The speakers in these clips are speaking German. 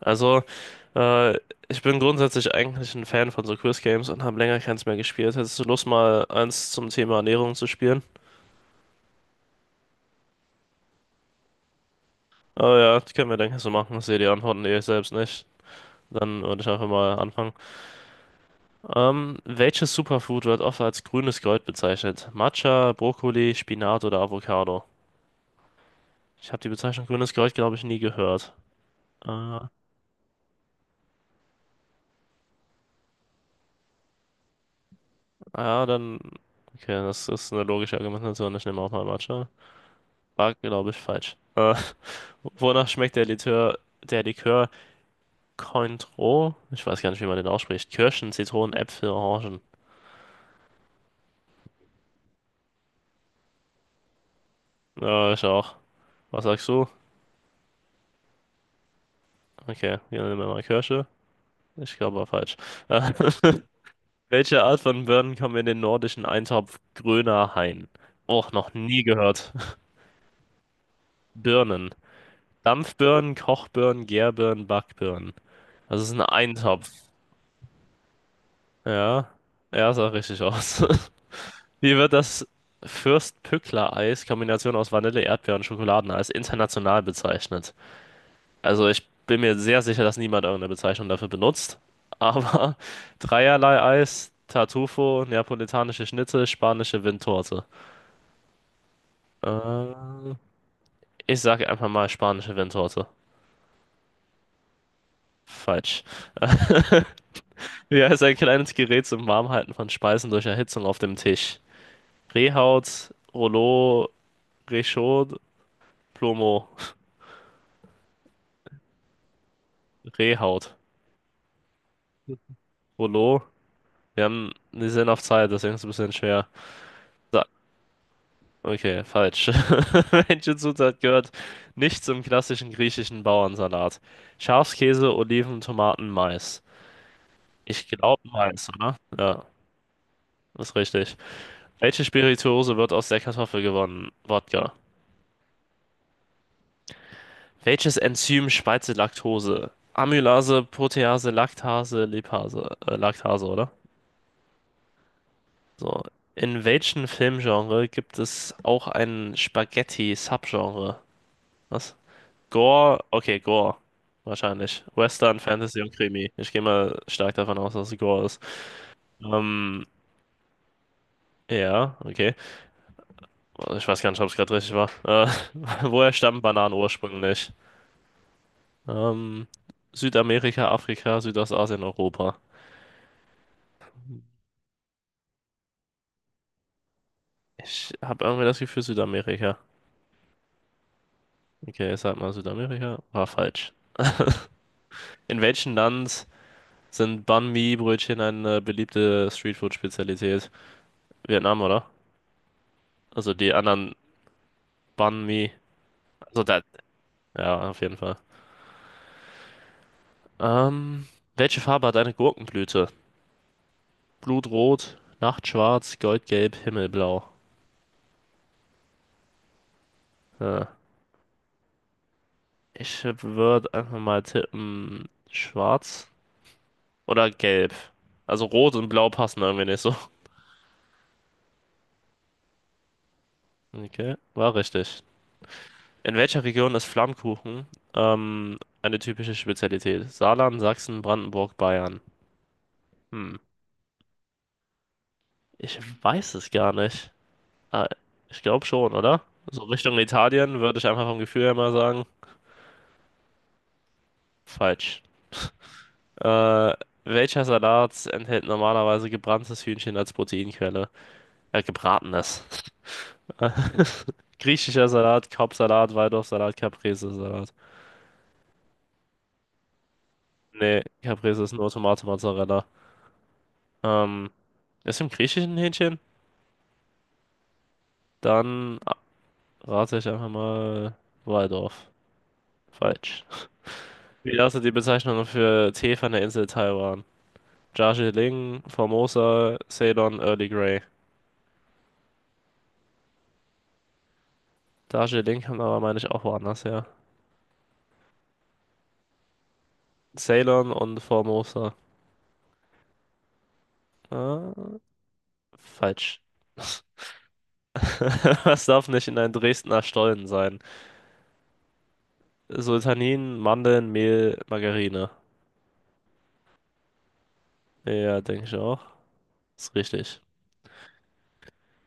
Also, äh, Ich bin grundsätzlich eigentlich ein Fan von so Quiz Games und habe länger keins mehr gespielt. Hättest du Lust, mal eins zum Thema Ernährung zu spielen? Oh ja, das können wir, denke ich, so machen. Ich sehe die Antworten eh selbst nicht. Dann würde ich einfach mal anfangen. Welches Superfood wird oft als grünes Gold bezeichnet? Matcha, Brokkoli, Spinat oder Avocado? Ich habe die Bezeichnung grünes Gold, glaube ich, nie gehört. Äh, ah ja, dann. Okay, das ist eine logische Argumentation. Ich nehme auch mal Matcha. War, glaube ich, falsch. Wonach schmeckt der Likör Cointreau? Ich weiß gar nicht, wie man den ausspricht. Kirschen, Zitronen, Äpfel, Orangen. Ja, ich auch. Was sagst du? Okay, wir nehmen mal Kirsche. Ich glaube, war falsch. Äh, Welche Art von Birnen kommen in den nordischen Eintopf grüner Hain? Och, noch nie gehört. Birnen. Dampfbirnen, Kochbirnen, Gärbirnen, Backbirnen. Das ist ein Eintopf. Ja, ja, sah richtig aus. Wie wird das Fürst-Pückler-Eis, Kombination aus Vanille, Erdbeer und Schokoladeneis, international bezeichnet? Also ich bin mir sehr sicher, dass niemand irgendeine Bezeichnung dafür benutzt. Aber dreierlei Eis, Tartufo, neapolitanische Schnitte, spanische Windtorte. Äh, Ich sage einfach mal spanische Windtorte. Falsch. Wie heißt ein kleines Gerät zum Warmhalten von Speisen durch Erhitzung auf dem Tisch? Rehhaut, Rouleau, Réchaud, Plomo. Rehhaut, Rouleau. Wir sind auf Zeit, deswegen ist es ein bisschen schwer. So, okay, falsch. Welche Zutat gehört nicht zum klassischen griechischen Bauernsalat? Schafskäse, Oliven, Tomaten, Mais. Ich glaube Mais, oder? Ja, ist richtig. Welche Spirituose wird aus der Kartoffel gewonnen? Wodka. Welches Enzym spaltet Laktose? Amylase, Protease, Laktase, Lipase, Laktase, oder? So. In welchem Filmgenre gibt es auch ein Spaghetti-Subgenre? Was? Gore, okay, Gore. Wahrscheinlich. Western, Fantasy und Krimi. Ich gehe mal stark davon aus, dass es Gore ist. Ähm, ja, okay. Ich weiß gar nicht, ob es gerade richtig war. Woher stammen Bananen ursprünglich? Ähm, Südamerika, Afrika, Südostasien, Europa. Ich habe irgendwie das Gefühl Südamerika. Okay, ich sag mal Südamerika. War falsch. In welchem Land sind Banh Mi-Brötchen eine beliebte Streetfood-Spezialität? Vietnam, oder? Also die anderen Banh Mi. Also da, ja, auf jeden Fall. Ähm, Welche Farbe hat eine Gurkenblüte? Blutrot, Nachtschwarz, Goldgelb, Himmelblau. Ja, ich würde einfach mal tippen, schwarz oder gelb. Also rot und blau passen irgendwie nicht so. Okay, war richtig. In welcher Region ist Flammkuchen eine typische Spezialität? Saarland, Sachsen, Brandenburg, Bayern. Hm, ich weiß es gar nicht. Ah, ich glaube schon, oder? So Richtung Italien würde ich einfach vom Gefühl her mal sagen. Falsch. Äh, Welcher Salat enthält normalerweise gebranntes Hühnchen als Proteinquelle? Gebratenes. Griechischer Salat, Kopfsalat, Waldorfsalat, Caprese-Salat. Nee, Caprese ist nur Tomate Mozzarella. Ähm, Ist im griechischen Hähnchen? Dann rate ich einfach mal Waldorf. Falsch. Wie lautet die Bezeichnung für Tee von der Insel Taiwan? Darjeeling, Formosa, Ceylon, Early Grey. Darjeeling kommt aber, meine ich, auch woanders her. Ceylon und Formosa. Äh, Falsch. Was darf nicht in einem Dresdner Stollen sein? Sultanin, Mandeln, Mehl, Margarine. Ja, denke ich auch. Ist richtig.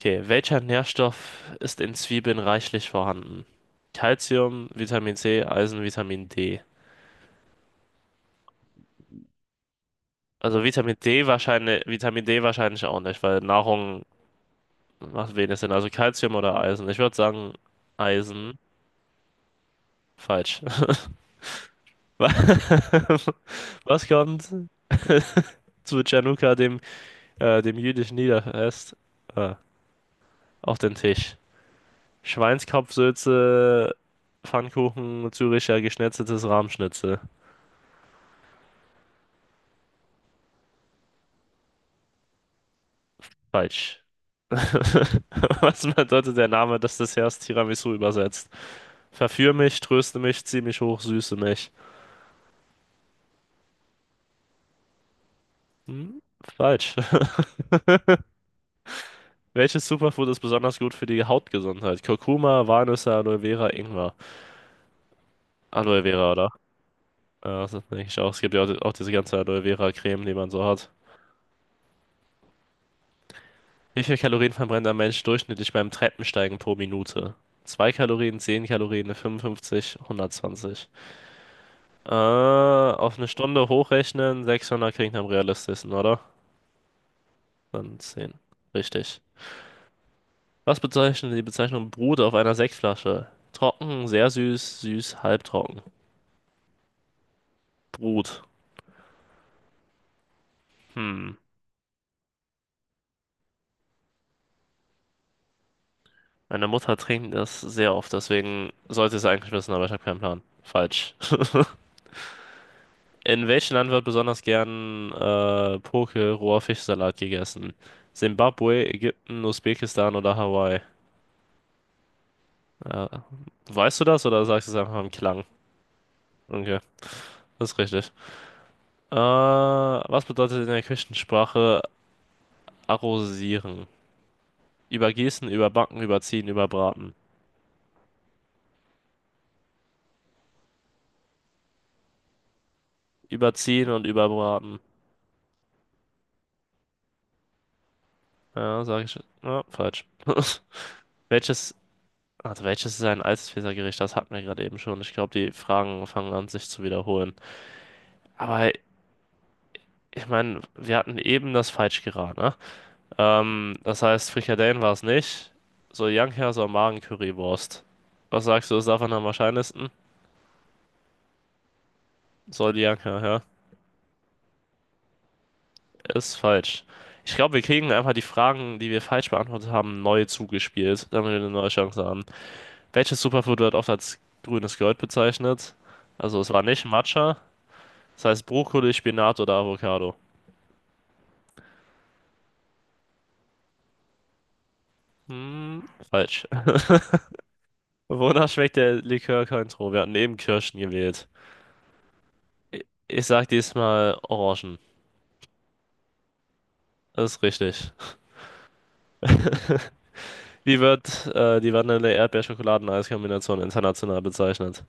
Okay, welcher Nährstoff ist in Zwiebeln reichlich vorhanden? Calcium, Vitamin C, Eisen, Vitamin D. Also Vitamin D wahrscheinlich auch nicht, weil Nahrung macht wenig Sinn. Also Calcium oder Eisen. Ich würde sagen Eisen. Falsch. Wa- Was kommt zu Chanukka, dem, dem jüdischen Niederfest, äh, auf den Tisch? Schweinskopfsülze, Pfannkuchen, Züricher geschnetzeltes Rahmschnitzel. Falsch. Was bedeutet der Name des Desserts Tiramisu übersetzt? Verführ mich, tröste mich, zieh mich hoch, süße mich. Hm? Falsch. Welches Superfood ist besonders gut für die Hautgesundheit? Kurkuma, Walnüsse, Aloe Vera, Ingwer. Aloe Vera, oder? Ja, das denke ich auch. Es gibt ja auch diese ganze Aloe Vera Creme, die man so hat. Wie viel Kalorien verbrennt ein Mensch durchschnittlich beim Treppensteigen pro Minute? 2 Kalorien, 10 Kalorien, 55, 120. Auf eine Stunde hochrechnen, 600 klingt am realistischsten, oder? Dann 10. Richtig. Was bezeichnet die Bezeichnung Brut auf einer Sektflasche? Trocken, sehr süß, süß, halbtrocken. Brut. Hm. Meine Mutter trinkt das sehr oft, deswegen sollte ich es eigentlich wissen, aber ich habe keinen Plan. Falsch. In welchem Land wird besonders gern Poke, roher Fischsalat gegessen? Simbabwe, Ägypten, Usbekistan oder Hawaii? Äh, Weißt du das oder sagst du es einfach im Klang? Okay, das ist richtig. Was bedeutet in der Küchensprache arrosieren? Übergießen, überbacken, überziehen, überbraten. Überziehen und überbraten. Ja, sag ich. Ja, falsch. Welches, also welches ist ein altes Pizza-Gericht? Das hatten wir gerade eben schon. Ich glaube, die Fragen fangen an, sich zu wiederholen. Aber ich meine, wir hatten eben das Falschgeraten, ne? Das heißt, Frikadellen war es nicht. Soljanka, Magen Currywurst. Was sagst du, ist davon am wahrscheinlichsten? Soljanka, ja. Ist falsch. Ich glaube, wir kriegen einfach die Fragen, die wir falsch beantwortet haben, neu zugespielt, damit wir eine neue Chance haben. Welches Superfood wird oft als grünes Gold bezeichnet? Also, es war nicht Matcha. Das heißt Brokkoli, Spinat oder Avocado. Hm, falsch. Wonach schmeckt der Likör Cointreau? Wir hatten eben Kirschen gewählt. Ich sag diesmal Orangen. Das ist richtig. Wie wird die Vanille-Erdbeer-Schokoladen-Eis-Kombination international bezeichnet?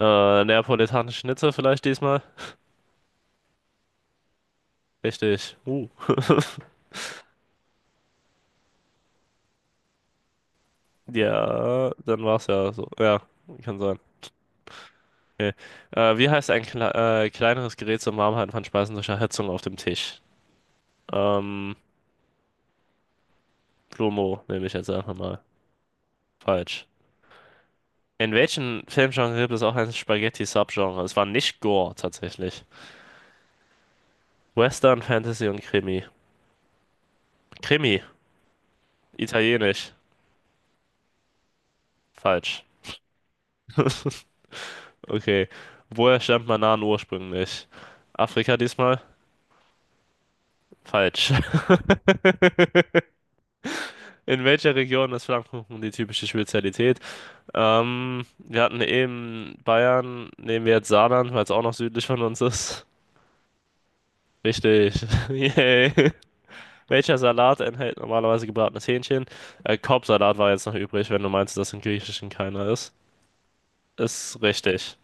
Neapolitanische Schnitzel vielleicht diesmal? Richtig. Ja, dann war's ja so. Ja, kann sein. Okay. Wie heißt ein kleineres Gerät zum Warmhalten von Speisen durch Erhitzung auf dem Tisch? Ähm, Plumo nehme ich jetzt einfach mal. Falsch. In welchem Filmgenre gibt es auch ein Spaghetti-Subgenre? Es war nicht Gore tatsächlich. Western, Fantasy und Krimi. Krimi, italienisch. Falsch. Okay. Woher stammt Manan ursprünglich? Afrika diesmal? Falsch. In welcher Region ist Flammkuchen die typische Spezialität? Wir hatten eben Bayern, nehmen wir jetzt Saarland, weil es auch noch südlich von uns ist. Richtig. Yay. Welcher Salat enthält normalerweise gebratenes Hähnchen? Korbsalat war jetzt noch übrig, wenn du meinst, dass im Griechischen keiner ist. Ist richtig.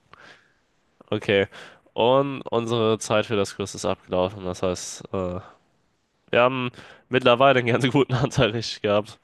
Okay. Und unsere Zeit für das Quiz ist abgelaufen. Das heißt, wir haben mittlerweile einen ganz guten Anteil richtig gehabt.